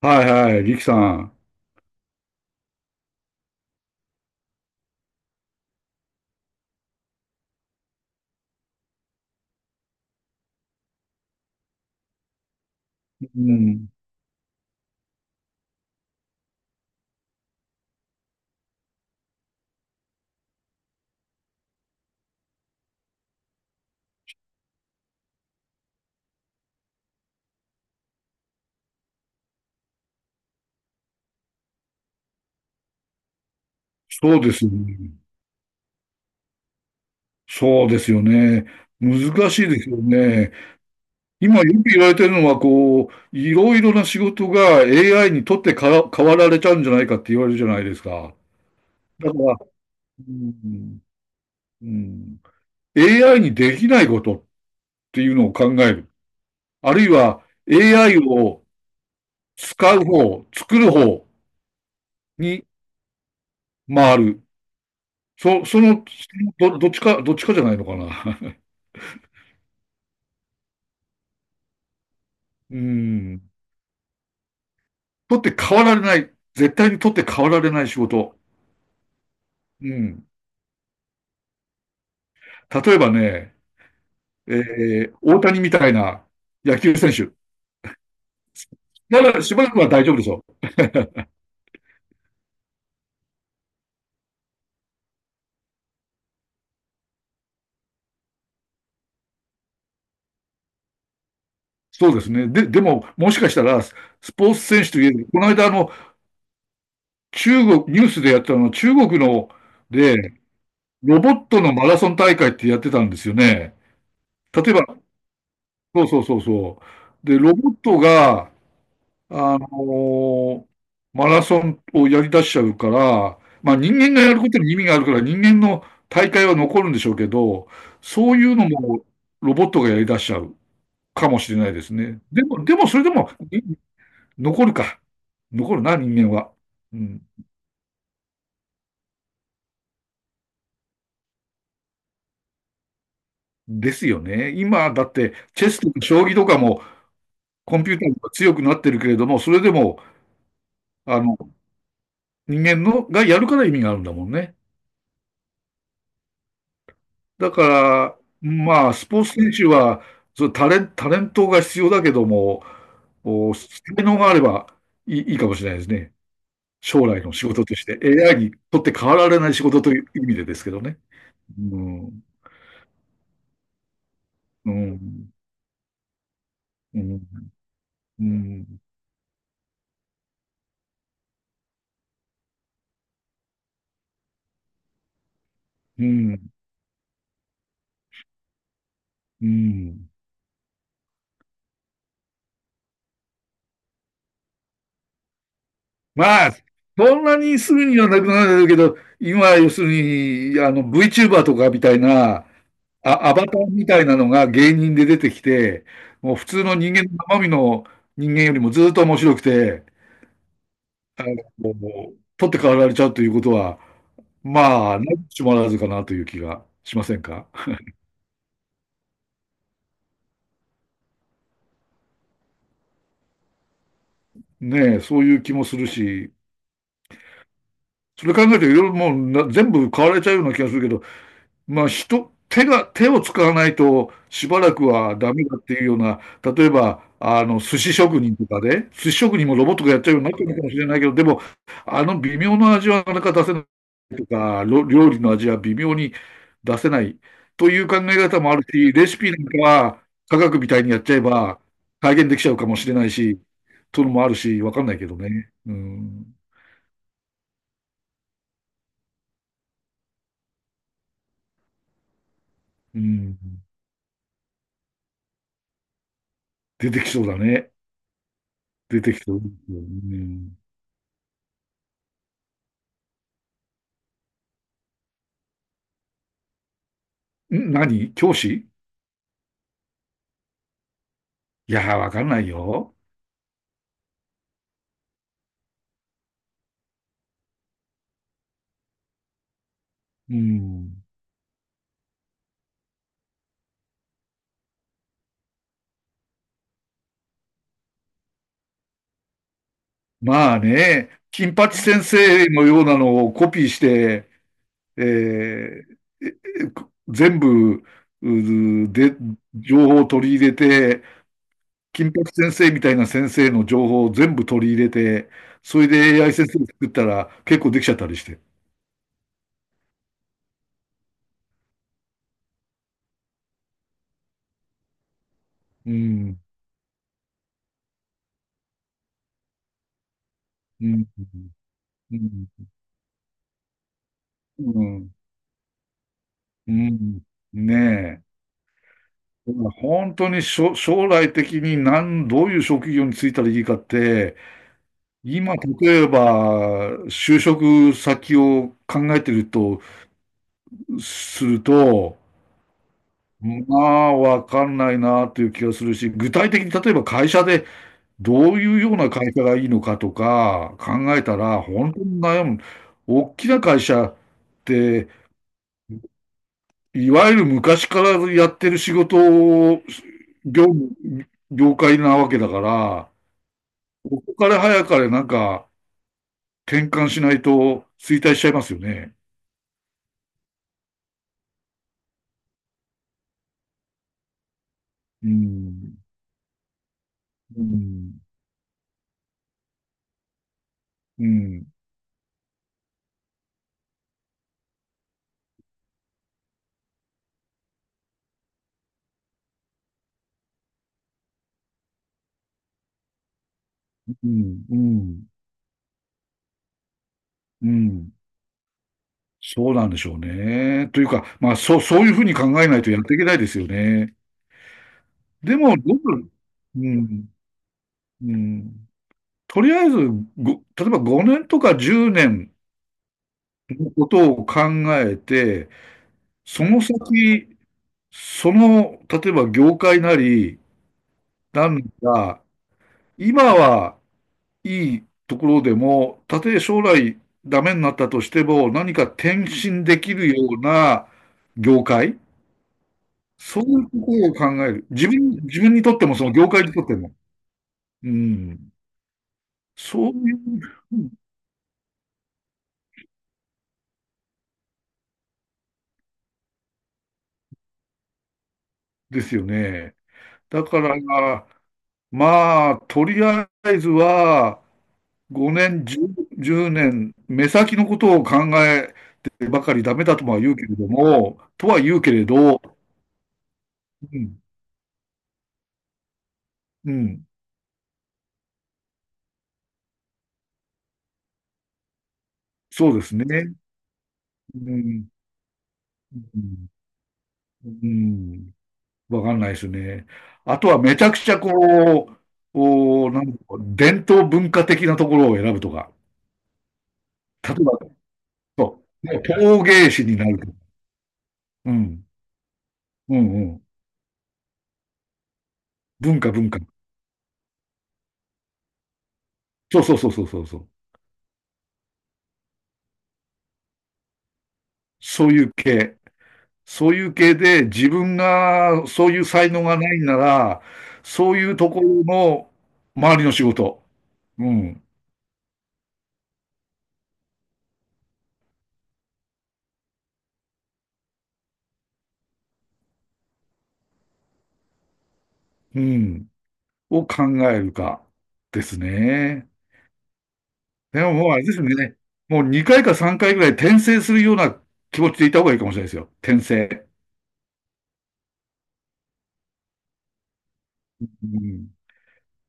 はいはい、力さん。うん。そうですよね。そうですよね。難しいですよね。今よく言われてるのは、こう、いろいろな仕事が AI にとってから変わられちゃうんじゃないかって言われるじゃないですか。だから、うん、うん、AI にできないことっていうのを考える。あるいは AI を使う方、作る方に回る。そ、その、そのどっちかじゃないのかな。うん。取って変わられない。絶対に取って変わられない仕事。うん。例えばね、大谷みたいな野球選手。まだしばらくは大丈夫でしょう。そうですね。でも、もしかしたら、スポーツ選手といえば、この間、中国、ニュースでやったの、中国の、で、ロボットのマラソン大会ってやってたんですよね。例えば、そうそうそうそう。で、ロボットが、あのマラソンをやり出しちゃうから、まあ人間がやることに意味があるから人間の大会は残るんでしょうけど、そういうのもロボットがやり出しちゃうかもしれないですね。でも、それでも残るか。残るな、人間は。うん。ですよね。今だってチェスとか将棋とかもコンピューターが強くなってるけれども、それでもあの人間のがやるから意味があるんだもんね。だから、まあ、スポーツ選手は、そうタレントが必要だけども、才能があればいいかもしれないですね。将来の仕事として、AI にとって変わられない仕事という意味でですけどね。うん、うん、うん、うん、うん。うんまあ、そんなにすぐにはなくなるけど、今、要するに、VTuber とかみたいな、あ、アバターみたいなのが芸人で出てきて、もう普通の人間の生身の人間よりもずっと面白くて、あの、もう取って代わられちゃうということは、まあ、なきしもあらずかなという気がしませんか？ねえ、そういう気もするし、それ考えるといろいろもうな全部買われちゃうような気がするけど、まあ、人、手が、手を使わないとしばらくはダメだっていうような、例えば、寿司職人とかで、寿司職人もロボットがやっちゃうようになってるかもしれないけど、でも、微妙な味はなかなか出せないとか、料理の味は微妙に出せないという考え方もあるし、レシピなんかは科学みたいにやっちゃえば再現できちゃうかもしれないし、というのもあるし、わかんないけどね。うん。うん。出てきそうだね。出てきそう。よね。何教師、いやー、わかんないよ。うん。まあね、金八先生のようなのをコピーして、えーええこ全部、うで、情報を取り入れて、金八先生みたいな先生の情報を全部取り入れて、それで AI 先生を作ったら結構できちゃったりして。うん、うん、うん、うん、うんねえ。本当に将来的にどういう職業に就いたらいいかって、今、例えば、就職先を考えてると、すると、まあ、わかんないなという気がするし、具体的に例えば会社でどういうような会社がいいのかとか考えたら、本当に悩む。大きな会社って、いわゆる昔からやってる仕事を、業務、業界なわけだから、ここから早かれなんか、転換しないと衰退しちゃいますよね。うん、うん、うん、うん、うん、うん。そうなんでしょうね。というか、まあ、そういうふうに考えないとやっていけないですよね。でも、うん、うん。とりあえず、例えば5年とか10年のことを考えて、その先、例えば業界なり、なんか、今はいいところでも、たとえ将来ダメになったとしても、何か転身できるような業界、そういうことを考える。自分にとっても、その業界にとっても。うん。そういう、うんですよね。だから、まあ、とりあえずは、5年、10、年、目先のことを考えてばかりダメだとは言うけれど、うん、うん、そうですね。うんうん、うんわかんないですね。あとはめちゃくちゃこう、なんだろう伝統文化的なところを選ぶとか、例えば、そう、陶芸師になるとか、うん、うん、うん、文化、文化。そうそうそうそうそうそう。そういう系。そういう系で自分がそういう才能がないなら、そういうところの周りの仕事、うん、うん、を考えるかですね。でももうあれですよね。もう2回か3回ぐらい転生するような気持ちでいた方がいいかもしれないですよ。転生。うん。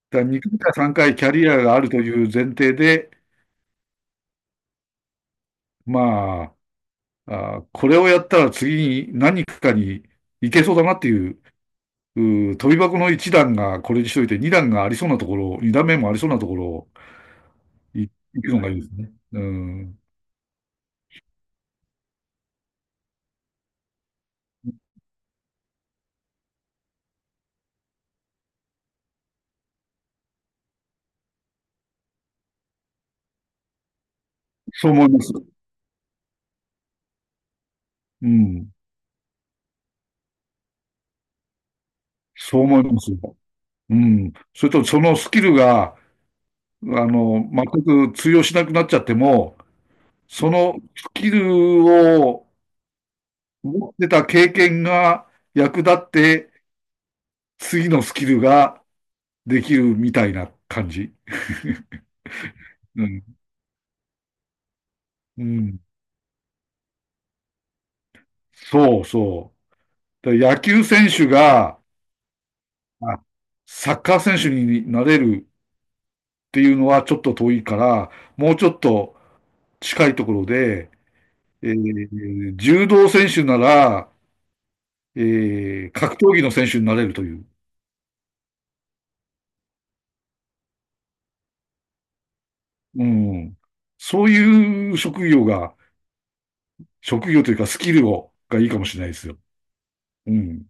だから2回か3回キャリアがあるという前提で、まあ、これをやったら次に何かに行けそうだなっていう、う飛び箱の1段がこれにしといて、2段がありそうなところ、2段目もありそうなところを行くのがいいですね。うん。そう思います。うん。そう思います。うん。それとそのスキルが、全く通用しなくなっちゃっても、そのスキルを持ってた経験が役立って、次のスキルができるみたいな感じ。うん。うん。そうそう。野球選手が、あサッカー選手になれるっていうのはちょっと遠いから、もうちょっと近いところで、柔道選手なら、え格闘技の選手になれるという。うん。そういう職業というかスキルを、がいいかもしれないですよ。うん。